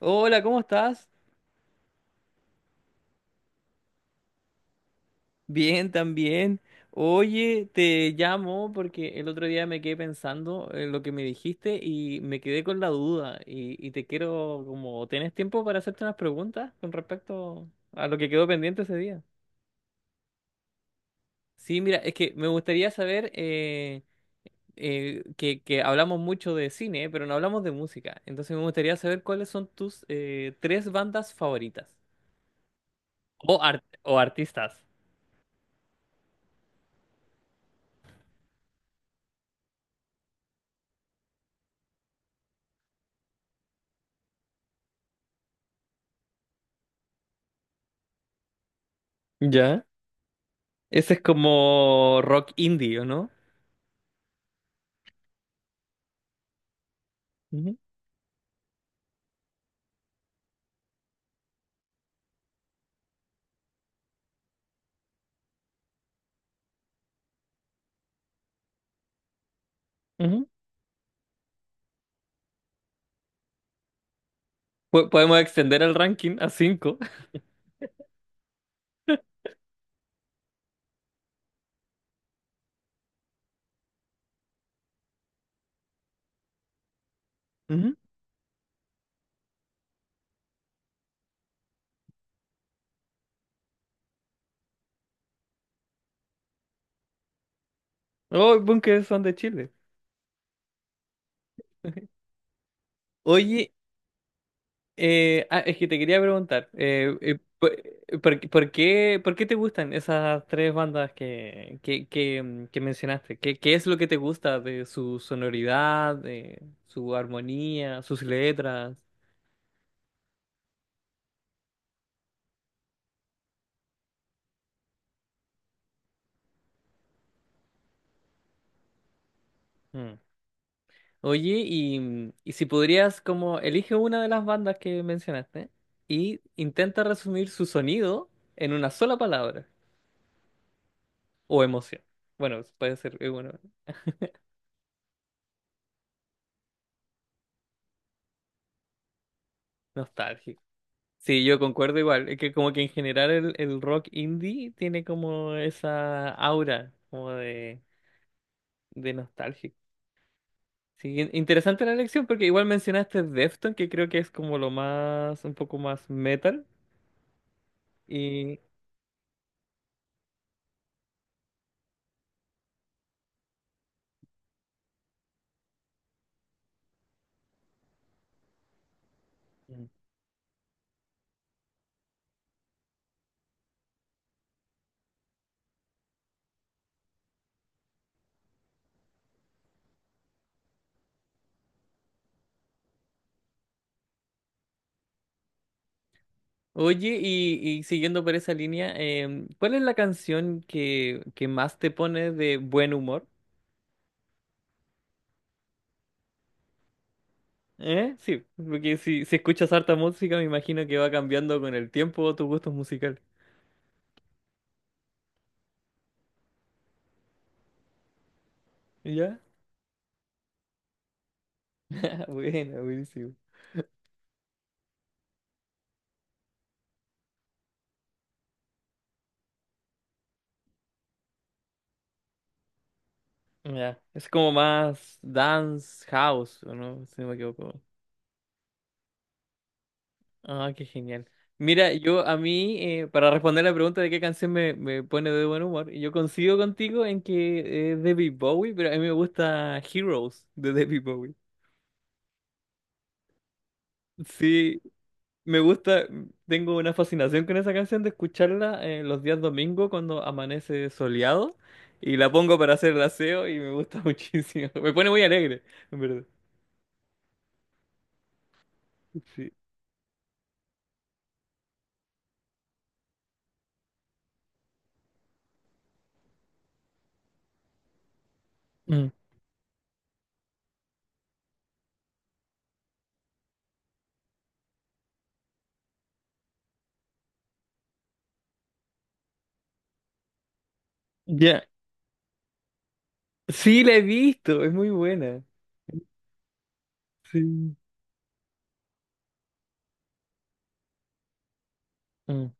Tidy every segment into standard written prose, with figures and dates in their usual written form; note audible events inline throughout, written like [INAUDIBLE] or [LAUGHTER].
Hola, ¿cómo estás? Bien, también. Oye, te llamo porque el otro día me quedé pensando en lo que me dijiste y me quedé con la duda y te quiero, como, ¿tenés tiempo para hacerte unas preguntas con respecto a lo que quedó pendiente ese día? Sí, mira, es que me gustaría saber que hablamos mucho de cine, pero no hablamos de música. Entonces me gustaría saber cuáles son tus tres bandas favoritas o, o artistas. ¿Ya? Ese es como rock indie, ¿o no? Ujú, ujú. Podemos extender el ranking a 5. Oh, Bunker son de Chile. [LAUGHS] Oye, es que te quería preguntar, por, ¿por qué, por qué te gustan esas tres bandas que mencionaste? ¿Qué, qué es lo que te gusta de su sonoridad, de su armonía, sus letras? Mm. Oye, y si podrías, como, elige una de las bandas que mencionaste y intenta resumir su sonido en una sola palabra o emoción. Bueno, puede ser, bueno, nostálgico. Sí, yo concuerdo igual, es que como que en general el rock indie tiene como esa aura como de nostálgico. Sí, interesante la elección porque igual mencionaste Defton, que creo que es como lo más, un poco más metal y... Oye, y siguiendo por esa línea, em, ¿cuál es la canción que más te pone de buen humor? ¿Eh? Sí, porque si escuchas harta música, me imagino que va cambiando con el tiempo tus gustos musicales. ¿Ya? [LAUGHS] Bueno, buenísimo. Ya, es como más dance house, ¿o no? Si no me equivoco. Ah, qué genial. Mira, yo a mí, para responder la pregunta de qué canción me pone de buen humor, yo coincido contigo en que es David Bowie, pero a mí me gusta Heroes de David Bowie. Sí, me gusta, tengo una fascinación con esa canción de escucharla los días domingo cuando amanece soleado y la pongo para hacer el aseo y me gusta [LAUGHS] muchísimo. Me pone muy alegre, en verdad. Sí. Mm. Ya. Sí, la he visto, es muy buena. Sí. Mm.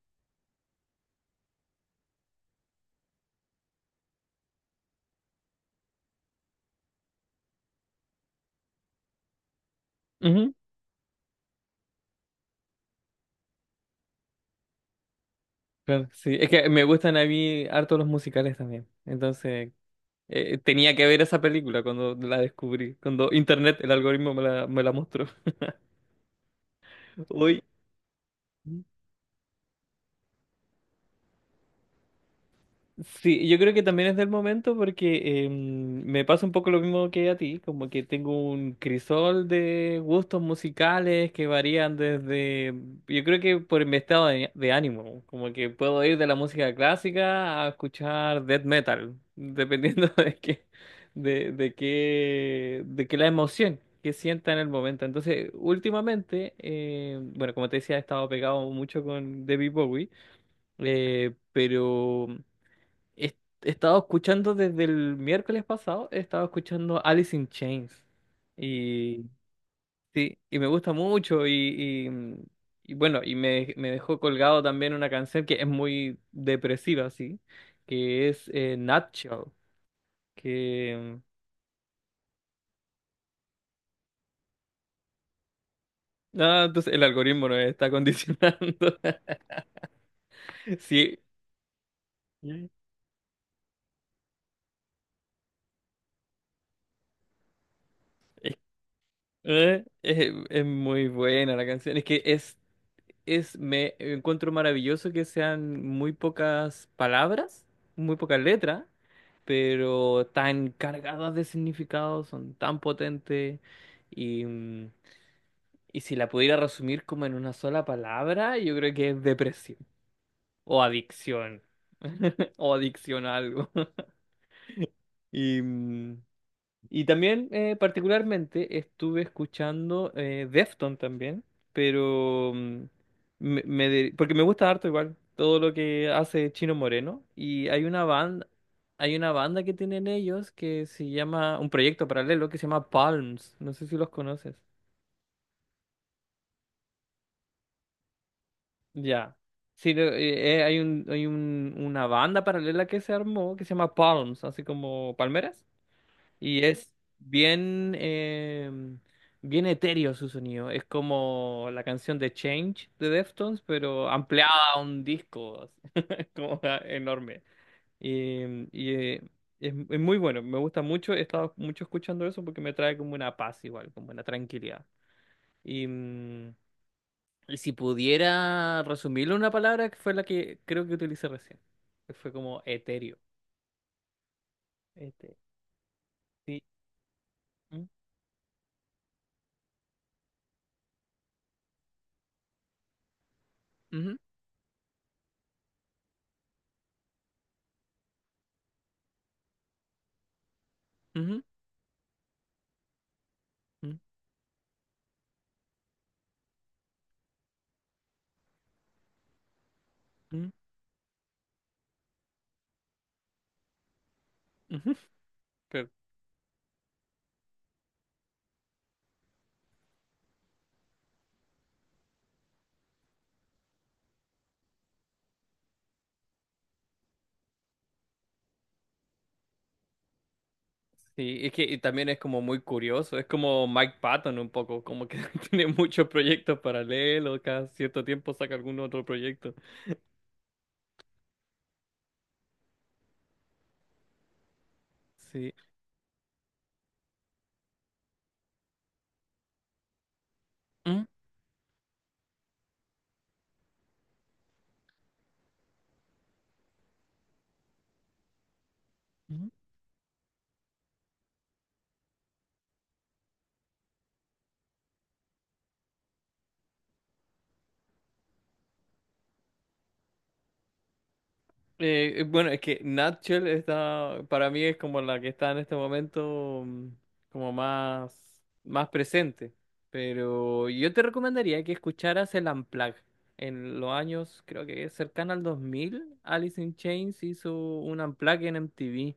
Ujú. Claro, sí, es que me gustan a mí harto los musicales también. Entonces, tenía que ver esa película cuando la descubrí, cuando internet, el algoritmo me la mostró. [LAUGHS] Hoy. Sí, yo creo que también es del momento porque em, me pasa un poco lo mismo que a ti, como que tengo un crisol de gustos musicales que varían desde, yo creo que por mi estado de ánimo, como que puedo ir de la música clásica a escuchar death metal, dependiendo [LAUGHS] de qué, de qué la emoción que sienta en el momento. Entonces, últimamente, bueno, como te decía, he estado pegado mucho con David Bowie. Eh, pero He he estado escuchando desde el miércoles pasado, he estado escuchando Alice in Chains. Y sí, y me gusta mucho. Y bueno, me dejó colgado también una canción que es muy depresiva, sí, que es Nutshell. Que. No, entonces el algoritmo nos está condicionando. [LAUGHS] Sí. Es, es muy buena la canción. Es que me encuentro maravilloso que sean muy pocas palabras, muy pocas letras, pero tan cargadas de significado, son tan potentes. Y, mm, y si la pudiera resumir como en una sola palabra, yo creo que es depresión o adicción. [LAUGHS] O adicción a algo. [LAUGHS] Y, mm, Y también, particularmente, estuve escuchando Defton también, pero porque me gusta harto igual todo lo que hace Chino Moreno. Y hay una banda que tienen ellos que se llama, un proyecto paralelo que se llama Palms. No sé si los conoces. Ya. Sí, hay un, una banda paralela que se armó que se llama Palms, así como palmeras. Y es bien, bien etéreo su sonido. Es como la canción de Change de Deftones, pero ampliada a un disco. Así. [LAUGHS] Es como enorme. Y, em, y, eh, es muy bueno, me gusta mucho. He estado mucho escuchando eso porque me trae como una paz igual, como una tranquilidad. Y, mm, y si pudiera resumirlo en una palabra, que fue la que creo que utilicé recién, que fue como etéreo. Este, sí, mm, ujú, ujú, mm, mm, ujú. Pero sí, es que y también es como muy curioso, es como Mike Patton un poco, como que [LAUGHS] tiene muchos proyectos paralelos, cada cierto tiempo saca algún otro proyecto. Sí. Mm, mm. Bueno, es que Natchel está, para mí es como la que está en este momento como más, más presente, pero yo te recomendaría que escucharas el Unplugged. En los años, creo que cercano al 2000, Alice in Chains hizo un Unplugged en MTV.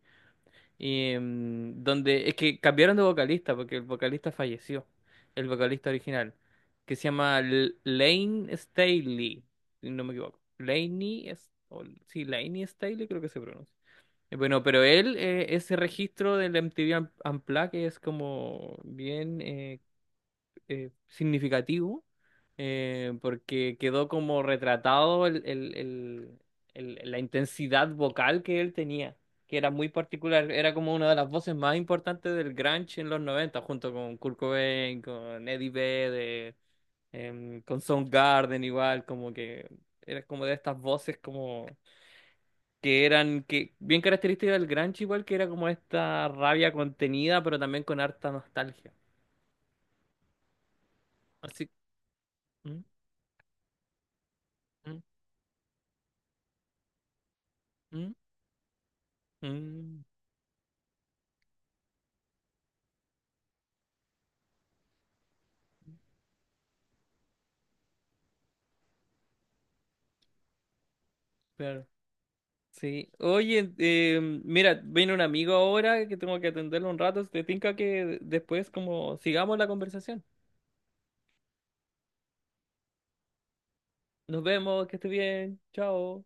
Y donde es que cambiaron de vocalista porque el vocalista falleció, el vocalista original, que se llama Lane Staley, si no me equivoco. Laney, es, sí, Laney Staley creo que se pronuncia. Bueno, pero él, ese registro del MTV Unplugged es como bien, significativo porque quedó como retratado la intensidad vocal que él tenía, que era muy particular, era como una de las voces más importantes del grunge en los 90 junto con Kurt Cobain, con Eddie Vedder, con Soundgarden igual, como que era como de estas voces como que eran que bien características del grunge igual que era como esta rabia contenida, pero también con harta nostalgia. Así. ¿Mm? ¿Mm? ¿Mm? Mm, claro. Sí. Oye, mira, viene un amigo ahora que tengo que atenderlo un rato. ¿Te tinca que después como sigamos la conversación? Nos vemos, que esté bien. Chao.